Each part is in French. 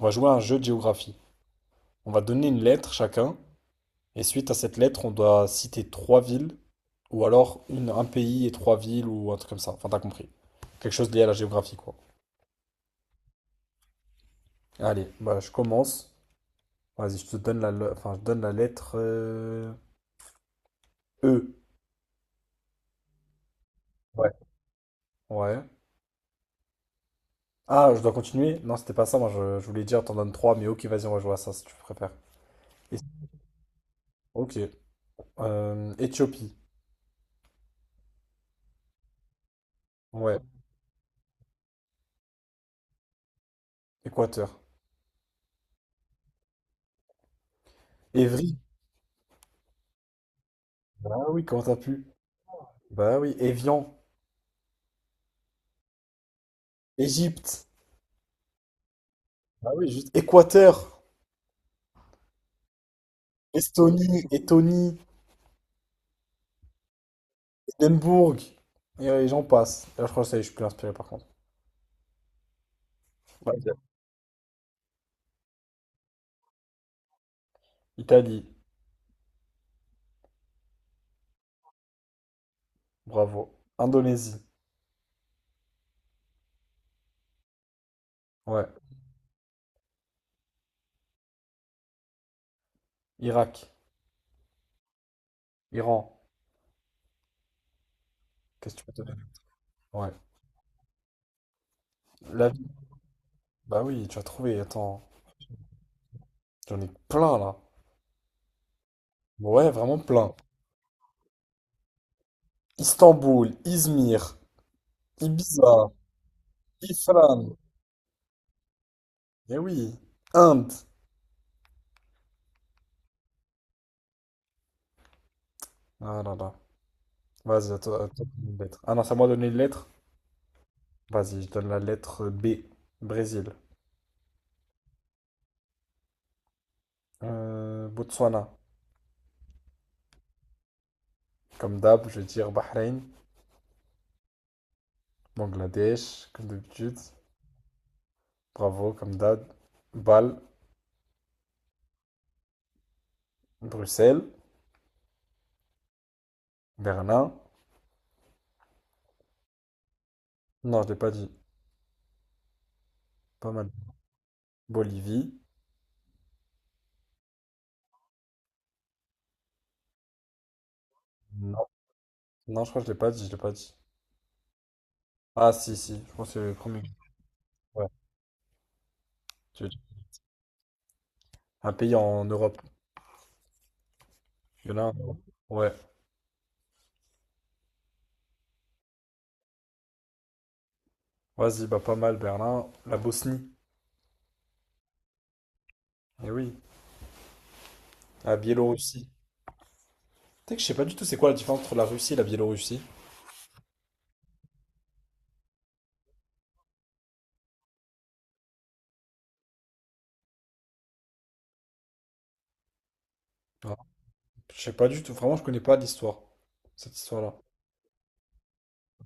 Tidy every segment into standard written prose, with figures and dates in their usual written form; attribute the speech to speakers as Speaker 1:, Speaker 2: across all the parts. Speaker 1: On va jouer à un jeu de géographie. On va donner une lettre chacun, et suite à cette lettre, on doit citer trois villes, ou alors une, un pays et trois villes, ou un truc comme ça. Enfin, t'as compris. Quelque chose lié à la géographie, quoi. Allez, bah, je commence. Vas-y, je te donne enfin, je donne la lettre E. Ouais. Ouais. Ah, je dois continuer? Non, c'était pas ça. Moi, je voulais dire, t'en donnes trois, mais ok, vas-y, on va jouer à ça si tu préfères. Et- Ok. Éthiopie. Ouais. Équateur. Évry. Bah oui, comment t'as pu? Bah oui. Évian. Égypte. Ah oui, juste Équateur, Estonie, Lettonie, Édimbourg, et j'en passe. Là, je crois que ça y est, je suis plus inspiré par contre. Ouais. Italie, bravo. Indonésie, ouais. Irak, Iran, qu'est-ce que tu peux te donner? Ouais. La... vie. Bah oui, tu as trouvé, attends. J'en ai plein là. Ouais, vraiment plein. Istanbul, Izmir, Ibiza, Ifrane. Eh oui. Inde. Ah là là. Vas-y, attends, attends, une lettre. Ah non, c'est à moi de donner une lettre. Vas-y, je donne la lettre B. Brésil. Botswana, comme d'hab, je vais dire Bahreïn, Bangladesh, comme d'habitude. Bravo, comme d'hab. Bâle, Bruxelles, Berlin. Non, je l'ai pas dit. Pas mal. Bolivie. Non, non, je crois que je l'ai pas dit, je l'ai pas dit. Ah, si, si, je pense que c'est le premier. Ouais, tu l'as dit. Un pays en Europe. Il y en a un en Europe. Ouais. Vas-y, bah pas mal, Berlin. La Bosnie. Eh oui. La Biélorussie. Tu sais que je sais pas du tout c'est quoi la différence entre la Russie et la Biélorussie. Ah, je sais pas du tout. Vraiment, je connais pas l'histoire. Cette histoire-là.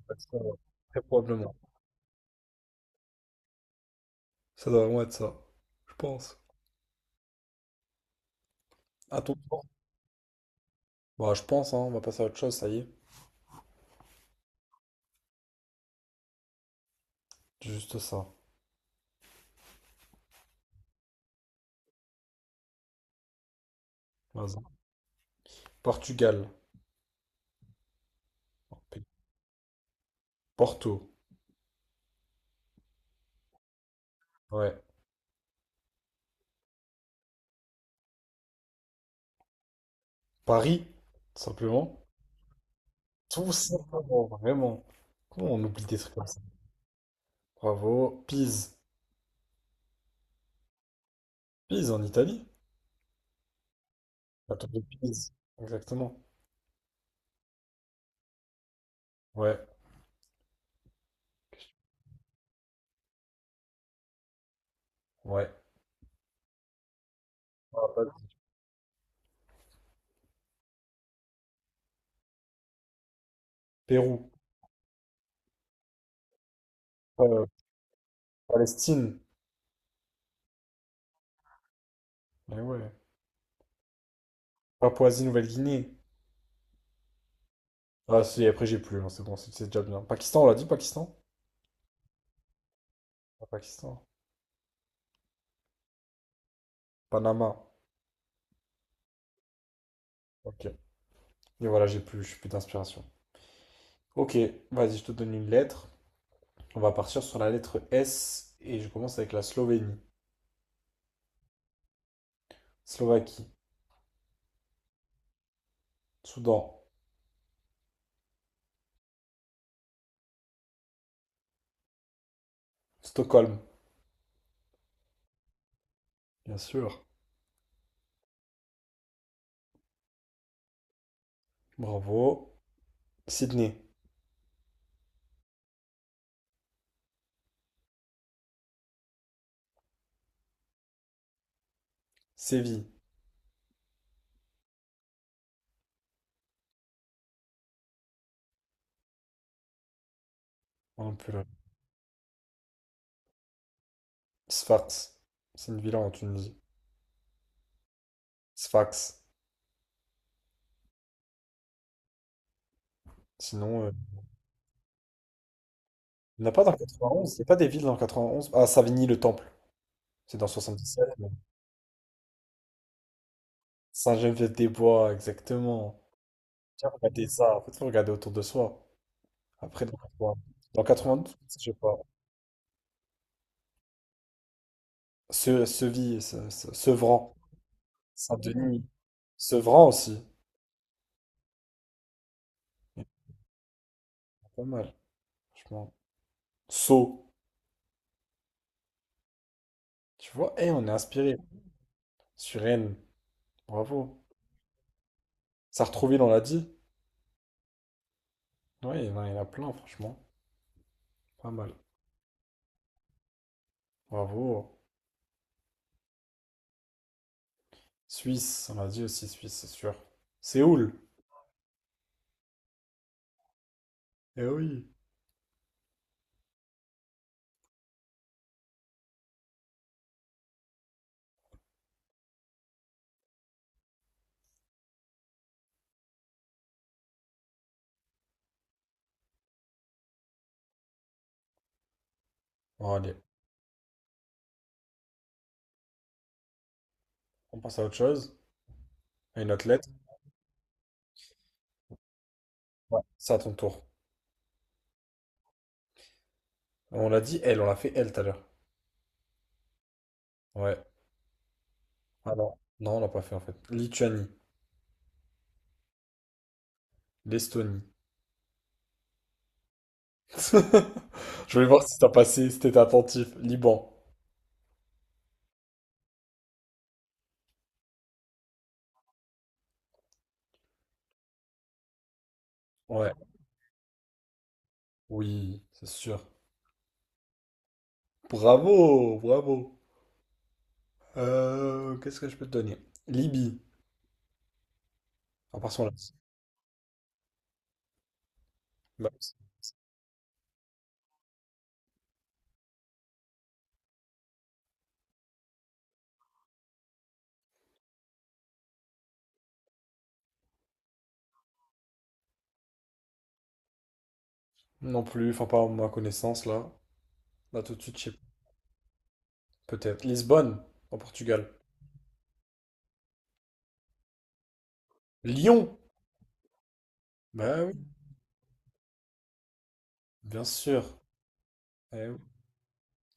Speaker 1: Ouais, ça, très probablement. Ça doit vraiment être ça. Je pense. À ton tour. Bah, je pense, hein, on va passer à autre chose, ça y est. Juste ça. Vas-y. Portugal. Porto. Ouais. Paris, tout simplement. Tout simplement, vraiment. Comment on oublie des trucs comme ça? Bravo. Pise. Pise en Italie. La tour de Pise. Exactement. Ouais. Ouais. Ah, pas- Pérou. Euh, Palestine. Mais ouais. Papouasie-Nouvelle-Guinée. Ah, si, après j'ai plus, hein, c'est bon, c'est déjà bien. Pakistan, on l'a dit, Pakistan? Pas Pakistan. Panama. Ok. Et voilà, j'ai plus, je j'ai plus d'inspiration. Ok, vas-y, je te donne une lettre. On va partir sur la lettre S et je commence avec la Slovénie, Slovaquie, Soudan, Stockholm, bien sûr. Bravo. Sydney, Séville, on en peut là. Sfax, c'est une ville en Tunisie. Sfax. Sinon, il n'y en a pas dans le 91. Il n'y a pas des villes dans le 91. Ah, Savigny-le-Temple, c'est dans 77. Saint-Geneviève-des-Bois, exactement. Tiens, regardez ça. En fait, faut regarder autour de soi. Après, dans 92, dans 92, je sais pas. Se, Seville, Se- Se- Sevran, Saint-Denis, Sevran aussi. Il y en a pas mal, franchement. Sceaux, tu vois, eh, on est inspiré. Sur Rennes, bravo. Sartrouville, on l'a dit. Ouais, il y en a plein, franchement. Pas mal. Bravo. Suisse, on l'a dit aussi, Suisse, c'est sûr. Séoul, eh oui. Bon, allez, on passe à autre chose. À une athlète. Ouais, c'est à ton tour. On l'a dit, elle, on l'a fait elle tout à l'heure. Ouais. Ah non, non, on l'a pas fait en fait. Lituanie. L'Estonie. Je voulais voir si t'as passé, si t'étais attentif. Liban. Ouais. Oui, c'est sûr. Bravo, bravo. Qu'est-ce que je peux te donner? Libye. À part son là. Bah, non plus, enfin pas à ma connaissance là. Là tout de suite, je sais pas. Peut-être. Lisbonne, en Portugal. Lyon. Bah oui, bien sûr. Eh oui.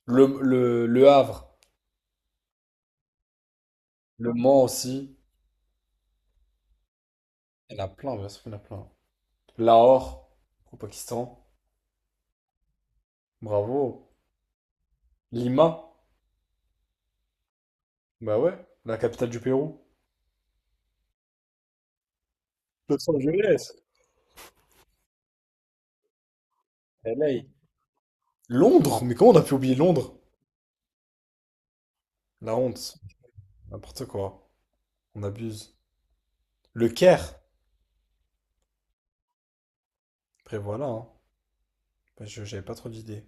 Speaker 1: Le Havre. Le Mans aussi. Il y en a plein, bien sûr qu'il y en a plein. Lahore, au Pakistan. Bravo. Lima. Bah ouais, la capitale du Pérou. Los Angeles, LA. Londres? Mais comment on a pu oublier Londres? La honte. N'importe quoi. On abuse. Le Caire. Après voilà, hein. Bah, j'avais pas trop d'idées.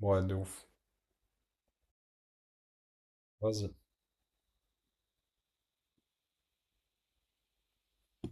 Speaker 1: Ouais, de ouf. Vas-y.